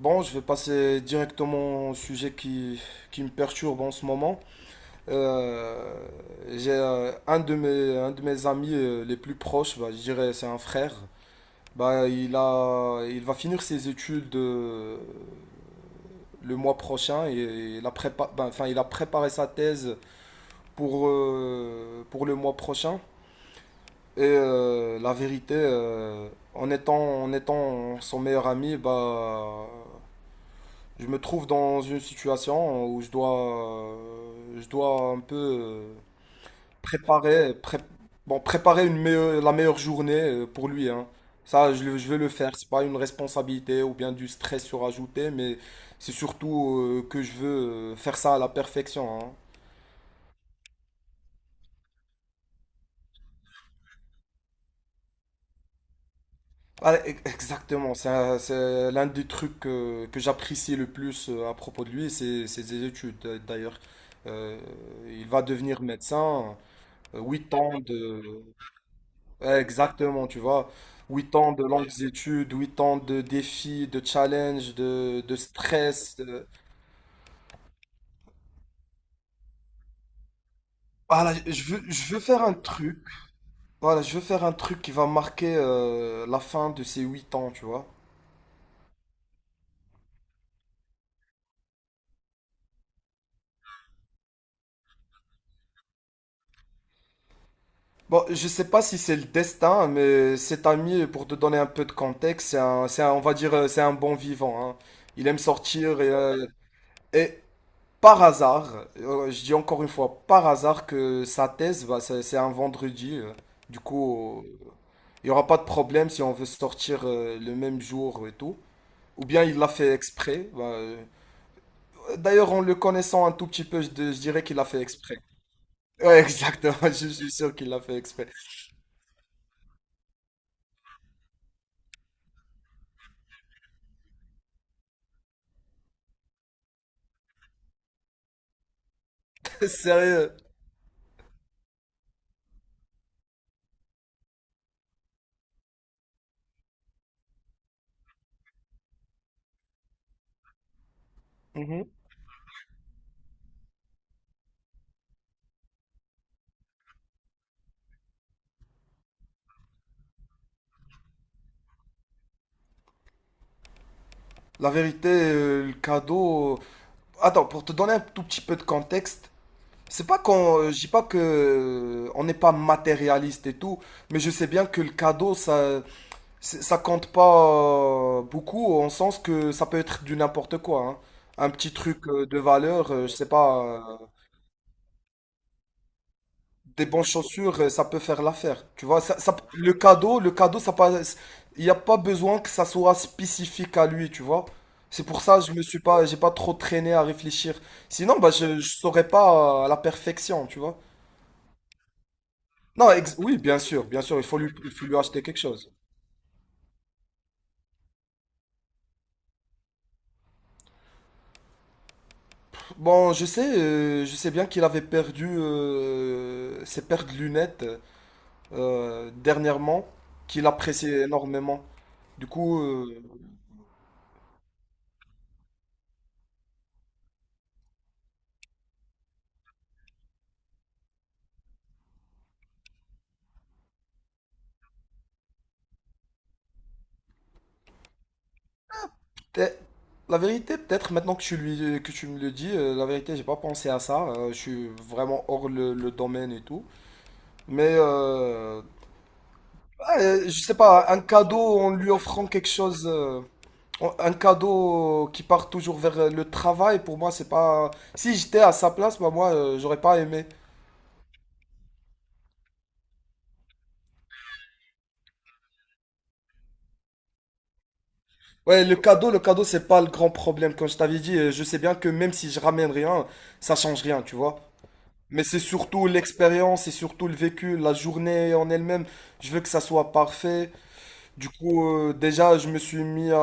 Bon, je vais passer directement au sujet qui me perturbe en ce moment. Euh, j'ai un de mes amis les plus proches, bah, je dirais c'est un frère. Bah, il va finir ses études le mois prochain et bah, enfin, il a préparé sa thèse pour le mois prochain. Et la vérité, en étant son meilleur ami, bah, je me trouve dans une situation où je dois un peu préparer, pré- bon, préparer la meilleure journée pour lui, hein. Ça, je vais le faire. C'est pas une responsabilité ou bien du stress surajouté, mais c'est surtout que je veux faire ça à la perfection, hein. Ah, exactement. C'est l'un des trucs que j'apprécie le plus à propos de lui, c'est ses études. D'ailleurs, Euh, il va devenir médecin. 8 ans de. Exactement, tu vois. 8 ans de longues études, 8 ans de défis, de challenges, de stress. Voilà, je veux faire un truc. Voilà, je veux faire un truc qui va marquer la fin de ces 8 ans, tu vois. Bon, je sais pas si c'est le destin, mais cet ami, pour te donner un peu de contexte, on va dire, c'est un bon vivant, hein. Il aime sortir et, par hasard, je dis encore une fois, par hasard que sa thèse, bah, c'est un vendredi. Du coup, il n'y aura pas de problème si on veut sortir le même jour et tout. Ou bien il l'a fait exprès. Bah, d'ailleurs, en le connaissant un tout petit peu, je dirais qu'il l'a fait exprès. Ouais, exactement, je suis sûr qu'il l'a fait exprès. Sérieux. Mhm. La vérité, le cadeau... Attends, pour te donner un tout petit peu de contexte. C'est pas qu'on, je dis pas que on n'est pas matérialiste et tout, mais je sais bien que le cadeau ça, ça compte pas beaucoup en sens que ça peut être du n'importe quoi, hein. Un petit truc de valeur, je sais pas, euh, des bonnes chaussures, ça peut faire l'affaire. Tu vois, le cadeau, ça passe. Il n'y a pas besoin que ça soit spécifique à lui, tu vois. C'est pour ça que je me suis pas, j'ai pas trop traîné à réfléchir. Sinon, bah je saurais pas à la perfection, tu vois. Non, oui, bien sûr, il faut lui acheter quelque chose. Bon, je sais bien qu'il avait perdu ses paires de lunettes dernièrement, qu'il appréciait énormément. Du coup, peut-être- la vérité, peut-être maintenant que tu me le dis, la vérité, j'ai pas pensé à ça. Je suis vraiment hors le domaine et tout. Mais ouais, je sais pas, un cadeau en lui offrant quelque chose. Un cadeau qui part toujours vers le travail, pour moi, c'est pas. Si j'étais à sa place, bah, moi, j'aurais pas aimé. Ouais, le cadeau, c'est pas le grand problème. Comme je t'avais dit, je sais bien que même si je ramène rien, ça change rien, tu vois. Mais c'est surtout l'expérience, c'est surtout le vécu, la journée en elle-même. Je veux que ça soit parfait. Du coup, déjà, je me suis mis à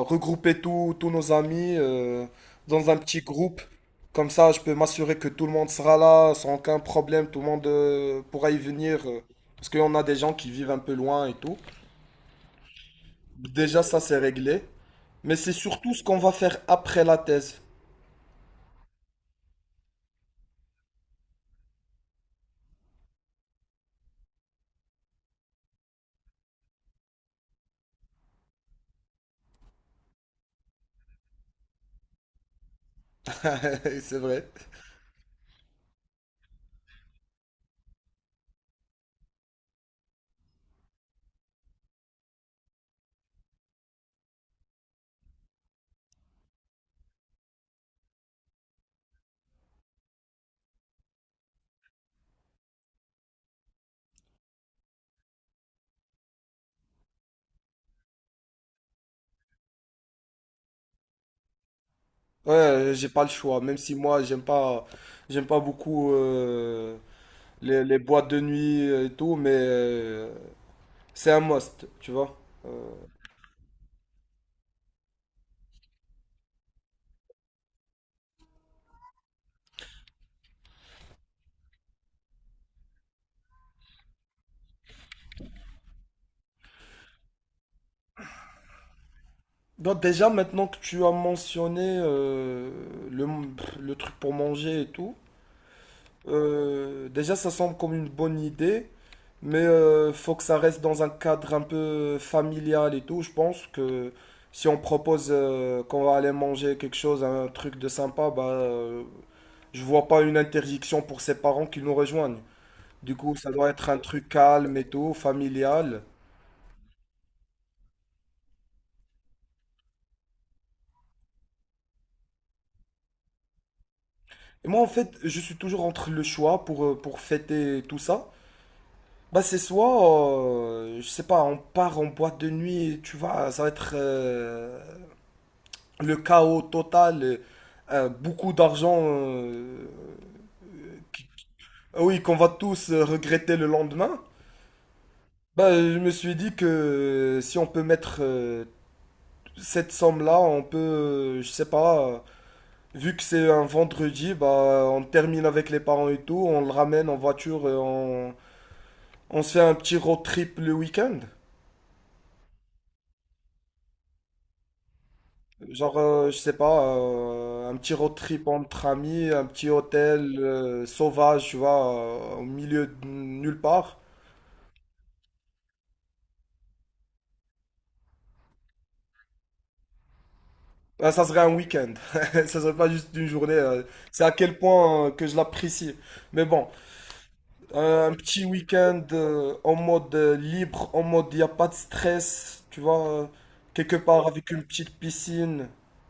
regrouper tous nos amis dans un petit groupe. Comme ça, je peux m'assurer que tout le monde sera là sans aucun problème. Tout le monde pourra y venir. Parce qu'on a des gens qui vivent un peu loin et tout. Déjà, ça, c'est réglé. Mais c'est surtout ce qu'on va faire après la thèse. C'est vrai. Ouais, j'ai pas le choix. Même si moi, j'aime pas beaucoup les boîtes de nuit et tout, mais c'est un must, tu vois. Donc déjà, maintenant que tu as mentionné le, le truc pour manger et tout, déjà, ça semble comme une bonne idée, mais faut que ça reste dans un cadre un peu familial et tout. Je pense que si on propose qu'on va aller manger quelque chose, un truc de sympa, bah, je vois pas une interdiction pour ses parents qui nous rejoignent. Du coup, ça doit être un truc calme et tout, familial. Et moi, en fait, je suis toujours entre le choix pour fêter tout ça. Bah c'est soit, je sais pas, on part en boîte de nuit, tu vois, ça va être le chaos total, beaucoup d'argent, qui- ah oui, qu'on va tous regretter le lendemain. Bah je me suis dit que si on peut mettre cette somme-là, on peut, je sais pas, vu que c'est un vendredi, bah on termine avec les parents et tout, on le ramène en voiture, et on se fait un petit road trip le week-end. Genre, je sais pas, un petit road trip entre amis, un petit hôtel sauvage, tu vois, au milieu de nulle part. Ça serait un week-end. Ça serait pas juste une journée. C'est à quel point que je l'apprécie. Mais bon, un petit week-end en mode libre, en mode il n'y a pas de stress, tu vois, quelque part avec une petite piscine.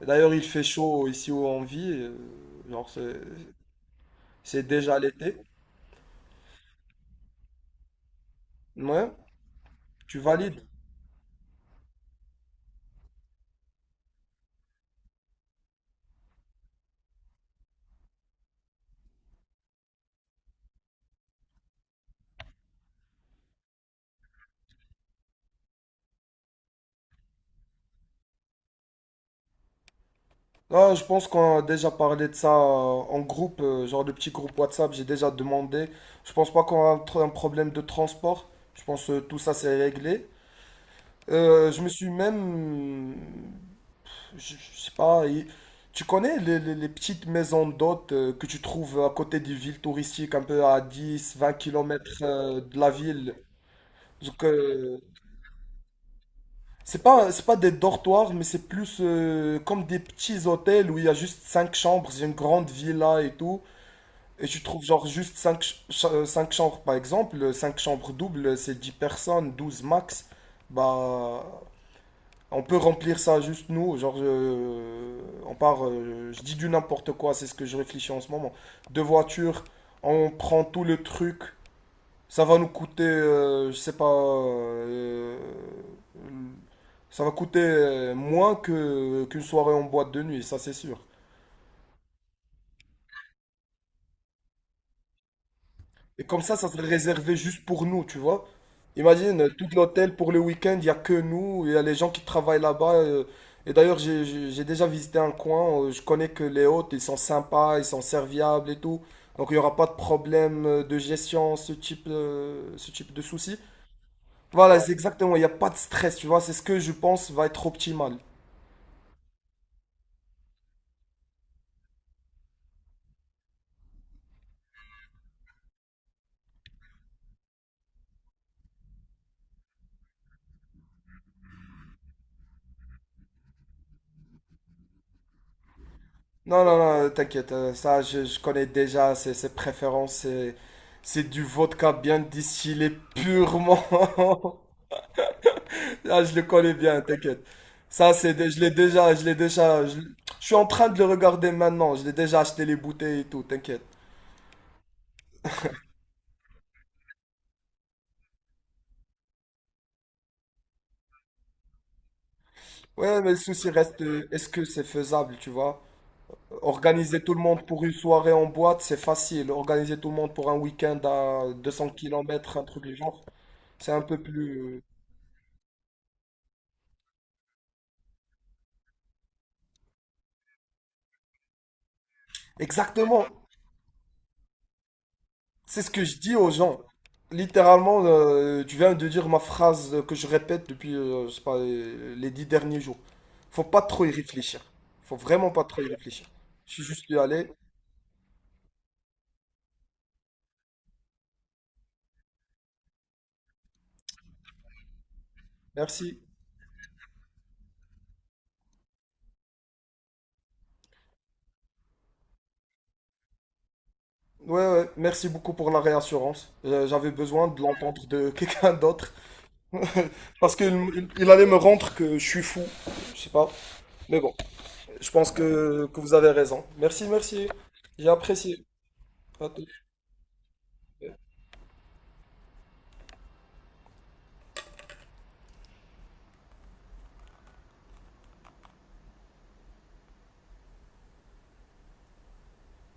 D'ailleurs, il fait chaud ici où on vit. Genre, c'est déjà l'été. Ouais, tu valides. Là, je pense qu'on a déjà parlé de ça en groupe, genre de petit groupe WhatsApp, j'ai déjà demandé. Je pense pas qu'on a un problème de transport. Je pense que tout ça c'est réglé. Je me suis même... Je sais pas, tu connais les petites maisons d'hôtes que tu trouves à côté des villes touristiques, un peu à 10, 20 kilomètres de la ville. Donc, c'est pas des dortoirs, mais c'est plus comme des petits hôtels où il y a juste 5 chambres, c'est une grande villa et tout. Et tu trouves genre juste cinq chambres par exemple, 5 chambres doubles, c'est 10 personnes, 12 max. Bah, on peut remplir ça juste nous, genre on part, je dis du n'importe quoi, c'est ce que je réfléchis en ce moment. Deux voitures, on prend tout le truc, ça va nous coûter, je sais pas, ça va coûter moins que qu'une soirée en boîte de nuit, ça c'est sûr. Et comme ça serait réservé juste pour nous, tu vois. Imagine, tout l'hôtel pour le week-end, il n'y a que nous, il y a les gens qui travaillent là-bas. Et d'ailleurs, j'ai déjà visité un coin, je connais que les hôtes, ils sont sympas, ils sont serviables et tout. Donc il n'y aura pas de problème de gestion, ce type de souci. Voilà, c'est exactement, il n'y a pas de stress, tu vois, c'est ce que je pense va être optimal. Non, non, non, t'inquiète, ça, je connais déjà ses préférences, c'est du vodka bien distillé purement. Ah, je le connais bien, t'inquiète. Ça, je l'ai déjà, je suis en train de le regarder maintenant. Je l'ai déjà acheté les bouteilles et tout, t'inquiète. Ouais, mais le souci reste, est-ce que c'est faisable, tu vois? Organiser tout le monde pour une soirée en boîte, c'est facile. Organiser tout le monde pour un week-end à 200 kilomètres, un truc du genre, c'est un peu plus... Exactement. C'est ce que je dis aux gens. Littéralement, tu viens de dire ma phrase que je répète depuis, je sais pas, les 10 derniers jours. Faut pas trop y réfléchir. Faut vraiment pas trop y réfléchir. Je suis juste y aller. Merci. Ouais, ouais, merci beaucoup pour la réassurance. J'avais besoin de l'entendre de quelqu'un d'autre. Parce qu'il il allait me rendre que je suis fou. Je sais pas. Mais bon, je pense que vous avez raison. Merci, merci. J'ai apprécié. À tout.